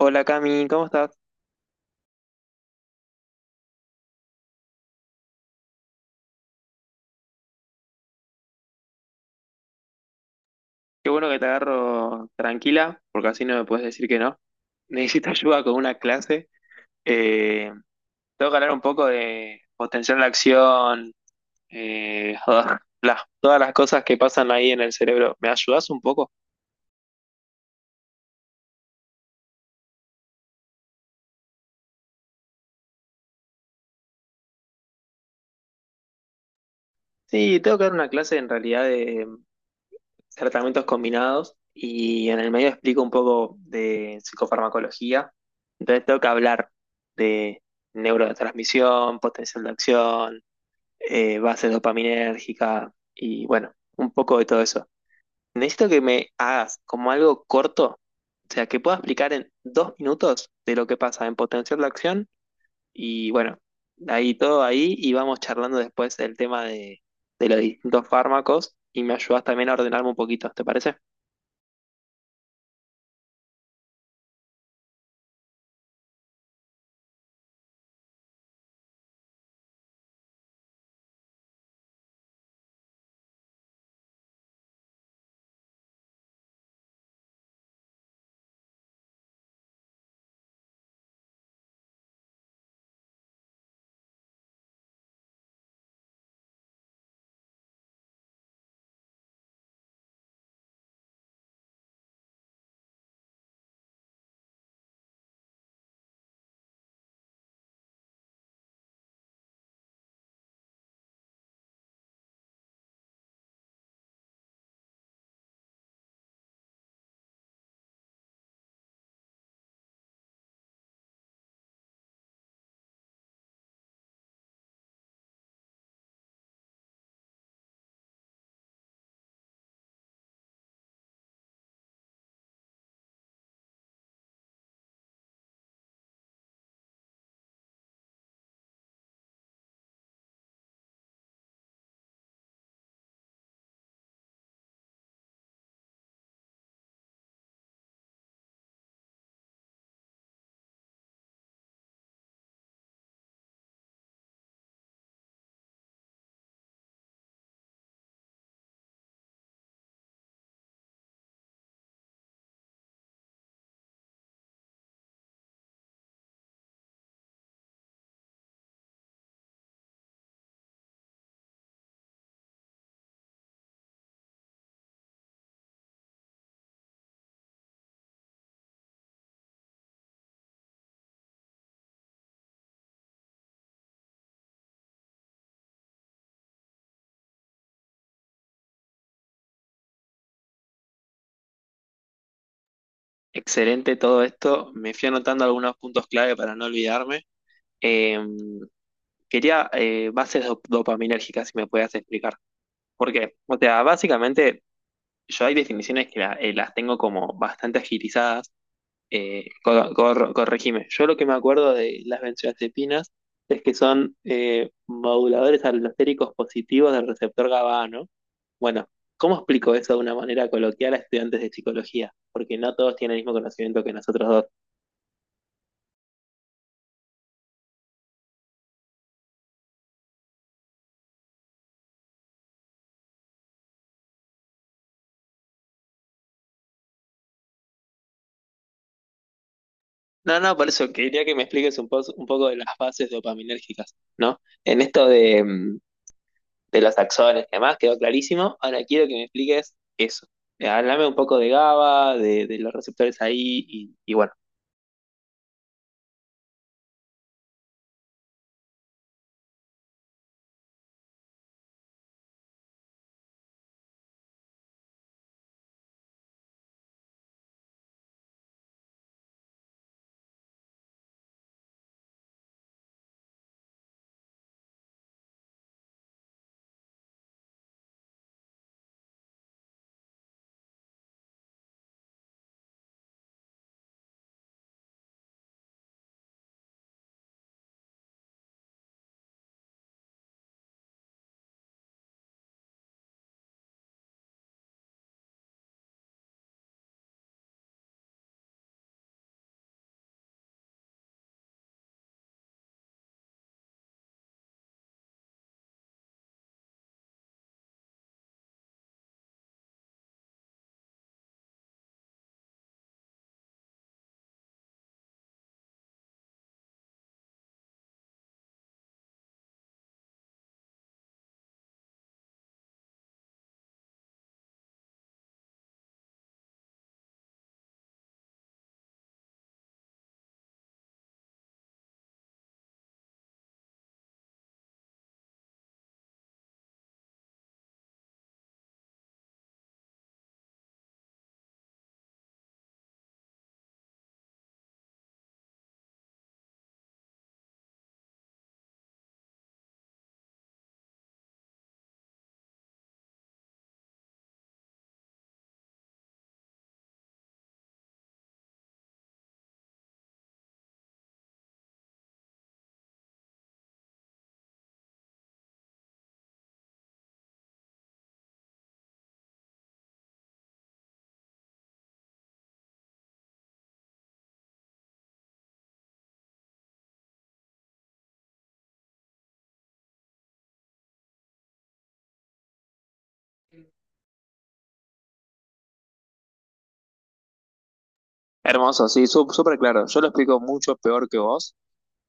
Hola, Cami, ¿cómo estás? Qué bueno que te agarro tranquila, porque así no me puedes decir que no. Necesito ayuda con una clase. Eh, Tengo que hablar un poco de potencial de acción, eh, todas las cosas que pasan ahí en el cerebro. ¿Me ayudas un poco? Sí, tengo que dar una clase en realidad de tratamientos combinados, y en el medio explico un poco de psicofarmacología. Entonces tengo que hablar de neurotransmisión, potencial de acción, bases dopaminérgica, y bueno, un poco de todo eso. Necesito que me hagas como algo corto, o sea, que pueda explicar en dos minutos de lo que pasa en potenciar la acción, y bueno, ahí todo ahí, y vamos charlando después del tema de los distintos fármacos, y me ayudas también a ordenarme un poquito, ¿te parece? Excelente todo esto, me fui anotando algunos puntos clave para no olvidarme. Em, Quería, bases dopaminérgicas, si me puedes explicar. ¿Por qué? O sea, básicamente yo, hay definiciones que las tengo como bastante agilizadas. Corregime. Yo lo que me acuerdo de las benzodiazepinas es que son moduladores alostéricos positivos del receptor GABA, A, ¿no? Bueno, ¿cómo explico eso de una manera coloquial a estudiantes de psicología? Porque no todos tienen el mismo conocimiento que nosotros dos. No, no, por eso quería que me expliques un, un poco de las bases dopaminérgicas, ¿no? En esto de, de los axones y demás, quedó clarísimo. Ahora quiero que me expliques eso. Háblame un poco de GABA, de los receptores ahí, y bueno. Hermoso, sí, súper claro. Yo lo explico mucho peor que vos,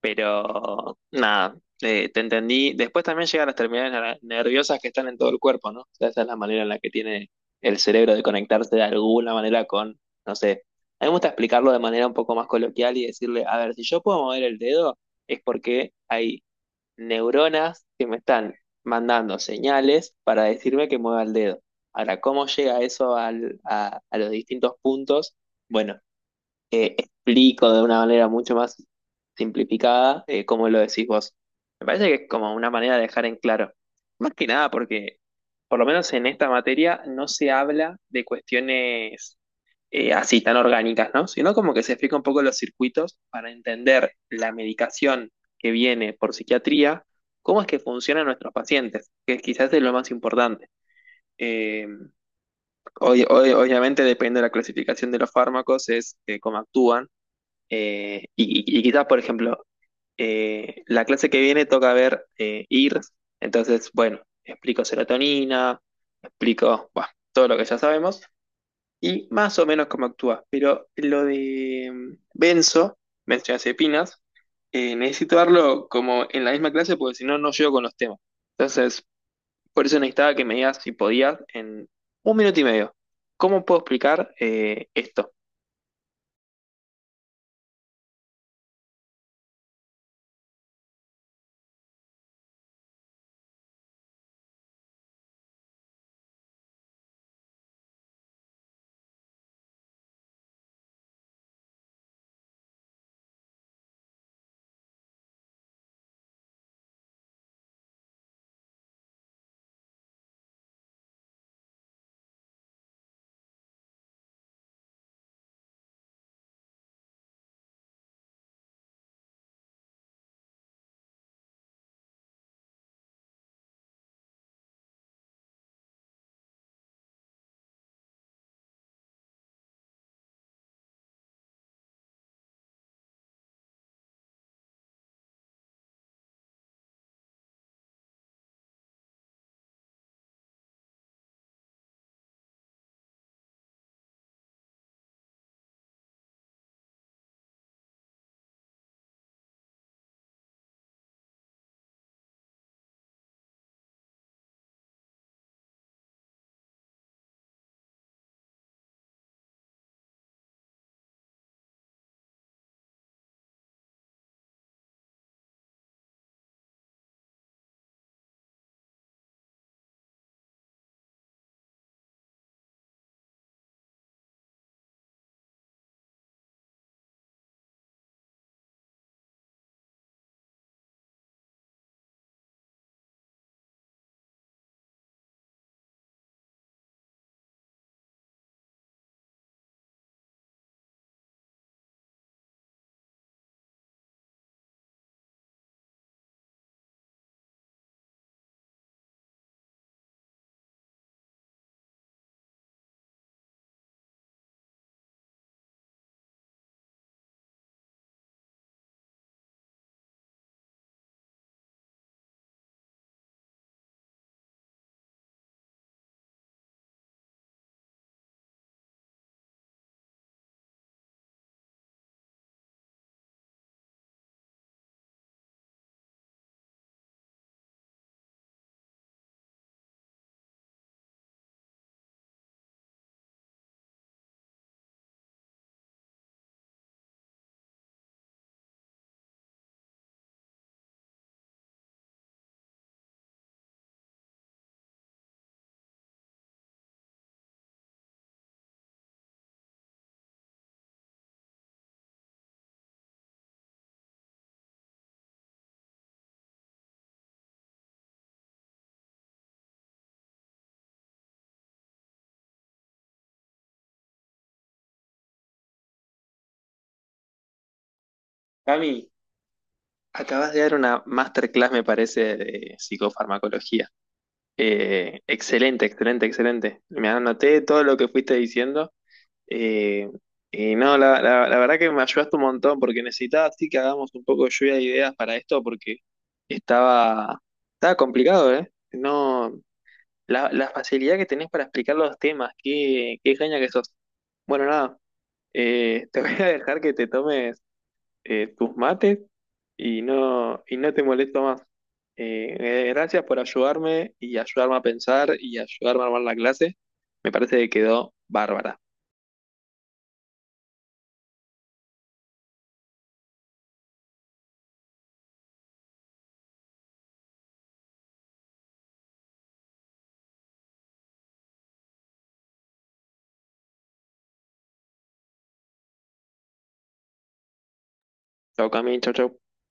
pero nada, te entendí. Después también llegan las terminales nerviosas que están en todo el cuerpo, ¿no? O sea, esa es la manera en la que tiene el cerebro de conectarse de alguna manera con, no sé. A mí me gusta explicarlo de manera un poco más coloquial y decirle, a ver, si yo puedo mover el dedo, es porque hay neuronas que me están mandando señales para decirme que mueva el dedo. Ahora, ¿cómo llega eso a los distintos puntos? Bueno, explico de una manera mucho más simplificada, cómo lo decís vos. Me parece que es como una manera de dejar en claro. Más que nada porque, por lo menos en esta materia, no se habla de cuestiones así tan orgánicas, ¿no? Sino como que se explica un poco los circuitos para entender la medicación que viene por psiquiatría, cómo es que funcionan nuestros pacientes, que quizás es lo más importante. Eh, Hoy, obviamente depende de la clasificación de los fármacos, es cómo actúan. Y quizás, por ejemplo, la clase que viene toca ver, IRS, entonces, bueno, explico serotonina, explico, bueno, todo lo que ya sabemos y más o menos cómo actúa. Pero lo de Benzo, Benzodiazepinas, necesito darlo como en la misma clase, porque si no, no llego con los temas. Entonces, por eso necesitaba que me digas si podías en un minuto y medio. ¿Cómo puedo explicar, esto? Cami, acabas de dar una masterclass, me parece, de psicofarmacología. Excelente, excelente, excelente. Me anoté todo lo que fuiste diciendo. Eh, y no, la verdad que me ayudaste un montón, porque necesitaba sí que hagamos un poco de lluvia de ideas para esto, porque estaba, estaba complicado, ¿eh? No, la facilidad que tenés para explicar los temas, qué, qué genia que sos. Bueno, nada, te voy a dejar que te tomes, tus mates, y no te molesto más. Gracias por ayudarme y ayudarme a pensar y ayudarme a armar la clase. Me parece que quedó bárbara. Chau, Cami, chau, chau.